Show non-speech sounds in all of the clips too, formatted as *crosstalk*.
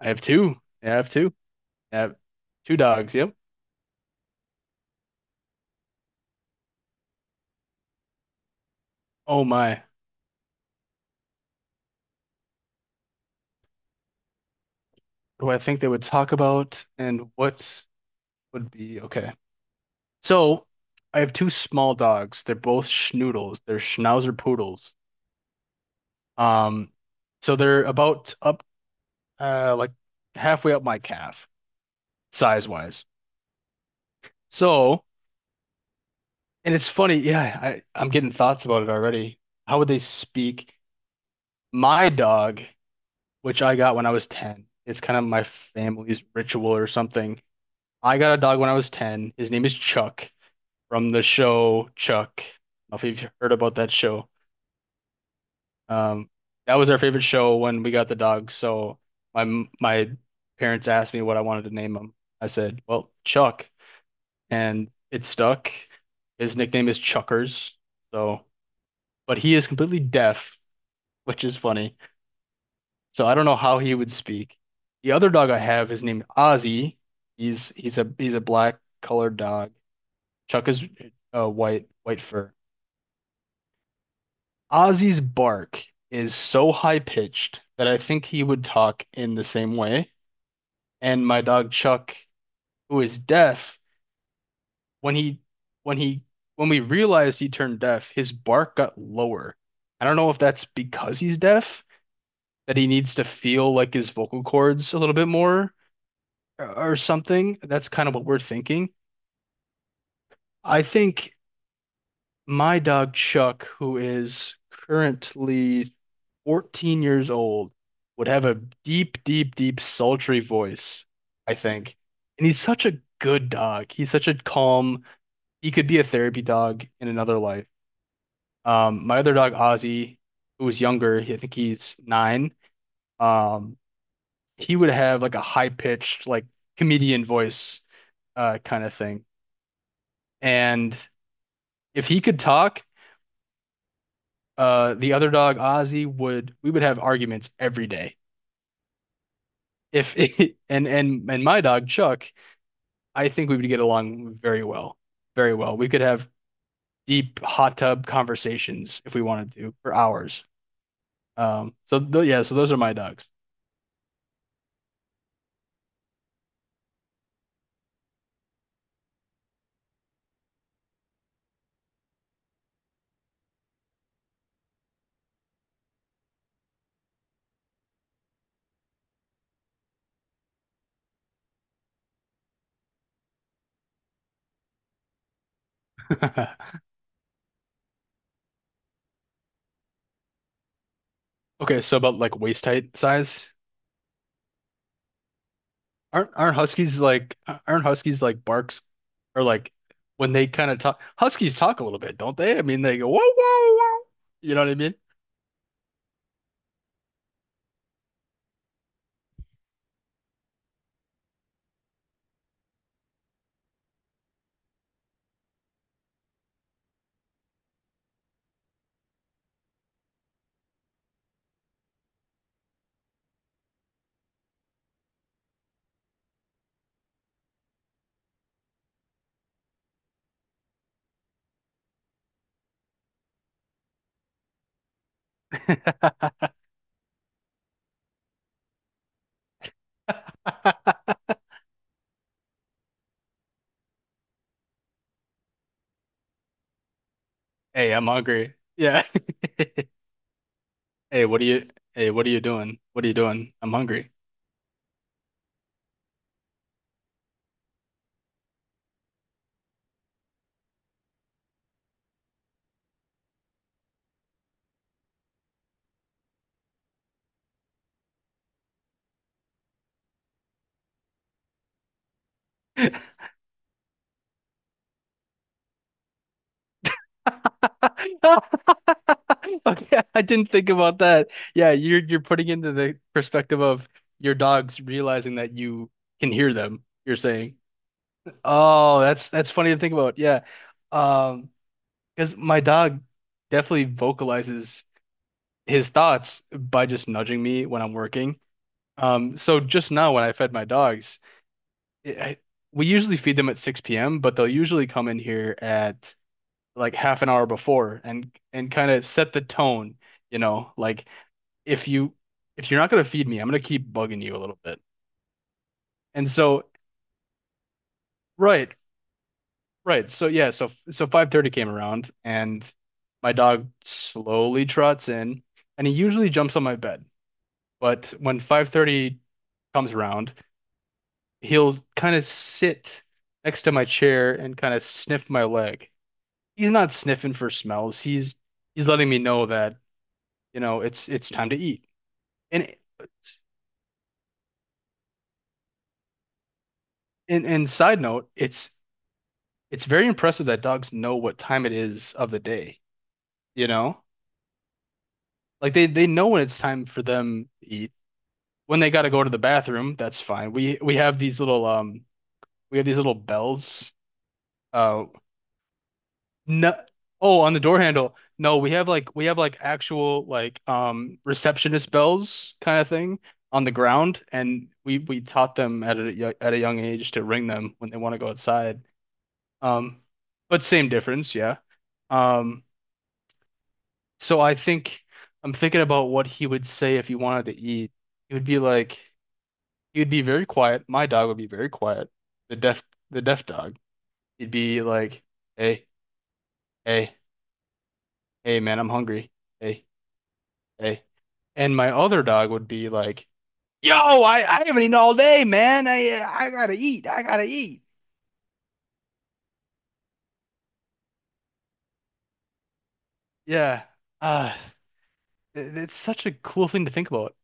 I have two. Yeah, I have two. I have two dogs. Yep. Oh my. What do I think they would talk about and what would be okay? So I have two small dogs. They're both schnoodles. They're schnauzer poodles. Um, so they're about up like halfway up my calf, size wise. So, and it's funny, yeah, I'm getting thoughts about it already. How would they speak? My dog, which I got when I was 10, it's kind of my family's ritual or something. I got a dog when I was 10. His name is Chuck from the show Chuck. I don't know if you've heard about that show. Um, that was our favorite show when we got the dog. So my parents asked me what I wanted to name him. I said, "Well, Chuck," and it stuck. His nickname is Chuckers. So, but he is completely deaf, which is funny. So I don't know how he would speak. The other dog I have is named Ozzy. He's a black colored dog. Chuck is white, white fur. Ozzy's bark is so high pitched that I think he would talk in the same way. And my dog Chuck, who is deaf, when he when he when we realized he turned deaf, his bark got lower. I don't know if that's because he's deaf, that he needs to feel like his vocal cords a little bit more or something. That's kind of what we're thinking. I think my dog Chuck, who is currently 14 years old, would have a deep, deep, deep, sultry voice, I think. And he's such a good dog. He's such a calm, he could be a therapy dog in another life. My other dog, Ozzy, who was younger, he I think he's 9. Um, he would have like a high-pitched, like comedian voice, kind of thing. And if he could talk, the other dog Ozzy would we would have arguments every day. If *laughs* and my dog Chuck, I think we would get along very well. Very well. We could have deep hot tub conversations if we wanted to for hours. So those are my dogs. *laughs* Okay, so about like waist height size. Aren't huskies like barks or like when they kind of talk, huskies talk a little bit, don't they? I mean they go whoa, whoa, whoa. You know what I mean? *laughs* Hey, I'm hungry. Yeah. *laughs* Hey, what are you? Hey, what are you doing? What are you doing? I'm hungry. *laughs* Okay, I didn't think about that. Yeah, you're putting into the perspective of your dogs realizing that you can hear them, you're saying. Oh, that's funny to think about. Yeah. Um, because my dog definitely vocalizes his thoughts by just nudging me when I'm working. So just now when I fed my dogs, it- I, we usually feed them at 6 p.m., but they'll usually come in here at like half an hour before and kind of set the tone, you know, like if you if you're not gonna feed me, I'm gonna keep bugging you a little bit. And so, right, right. So yeah, so 5:30 came around and my dog slowly trots in and he usually jumps on my bed. But when 5:30 comes around, he'll kind of sit next to my chair and kind of sniff my leg. He's not sniffing for smells. He's letting me know that, you know, it's time to eat. And side note, it's very impressive that dogs know what time it is of the day, you know? Like they know when it's time for them to eat. When they got to go to the bathroom, that's fine. We have these little bells. Uh, no, oh, on the door handle. No, we have like actual like receptionist bells kind of thing on the ground, and we taught them at a young age to ring them when they want to go outside. Um, but same difference, yeah. Um, so I think I'm thinking about what he would say if he wanted to eat. He would be like he would be very quiet. My dog would be very quiet. The deaf the deaf dog. He'd be like, hey, hey, hey, man, I'm hungry. Hey. Okay. And my other dog would be like, "Yo, I haven't eaten all day, man. I gotta eat. I gotta eat." Yeah. Uh, it's such a cool thing to think about.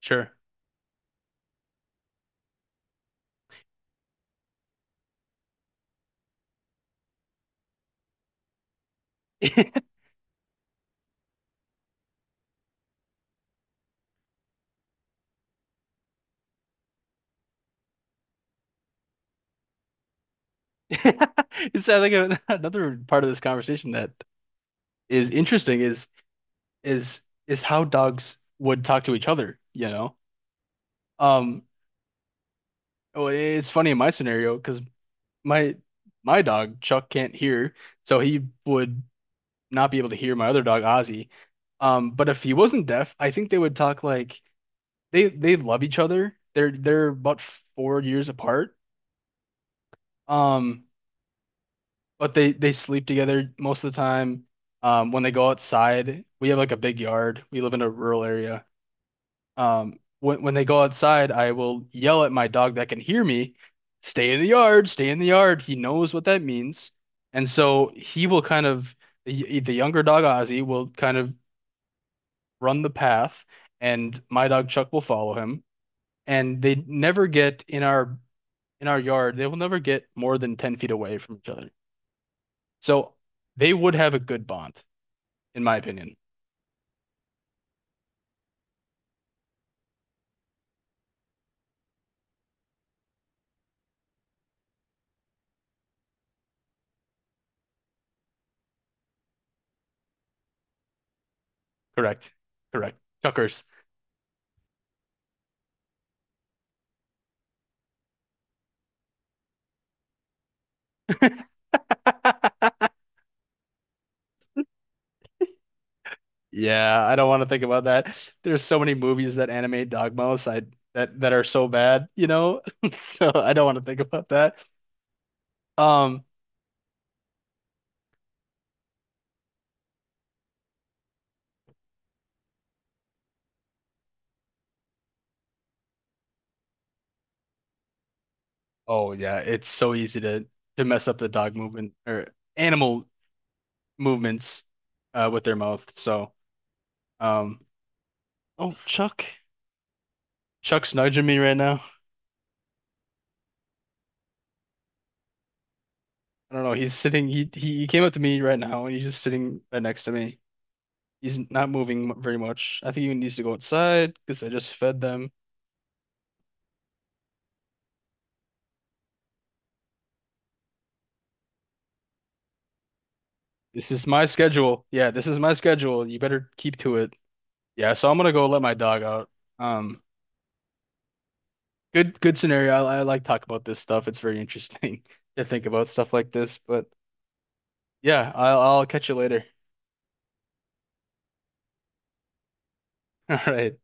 Sure. *laughs* It's I think another part of this conversation that is interesting is is how dogs would talk to each other, you know? Um, oh, it's funny in my scenario because my my dog Chuck can't hear, so he would not be able to hear my other dog, Ozzy. But if he wasn't deaf, I think they would talk like they love each other. They're about 4 years apart. Um, but they sleep together most of the time. When they go outside, we have like a big yard. We live in a rural area. When they go outside, I will yell at my dog that can hear me, stay in the yard, stay in the yard. He knows what that means. And so he will kind of the younger dog Ozzy will kind of run the path, and my dog Chuck will follow him. And they never get in our yard. They will never get more than 10 feet away from each other. So they would have a good bond, in my opinion. Correct. Correct. Chuckers. *laughs* Yeah, I don't want to think about that. There's so many movies that animate dogmos. I That that are so bad, you know. *laughs* So I don't want to think about that. Um, oh yeah, it's so easy to mess up the dog movement or animal movements, with their mouth. So, um, oh, Chuck, Chuck's nudging me right now. I don't know. He's sitting. He came up to me right now, and he's just sitting right next to me. He's not moving very much. I think he needs to go outside because I just fed them. This is my schedule. Yeah, this is my schedule. You better keep to it. Yeah, so I'm gonna go let my dog out. Um, good scenario. I like talk about this stuff. It's very interesting *laughs* to think about stuff like this. But yeah, I'll catch you later. *laughs* All right.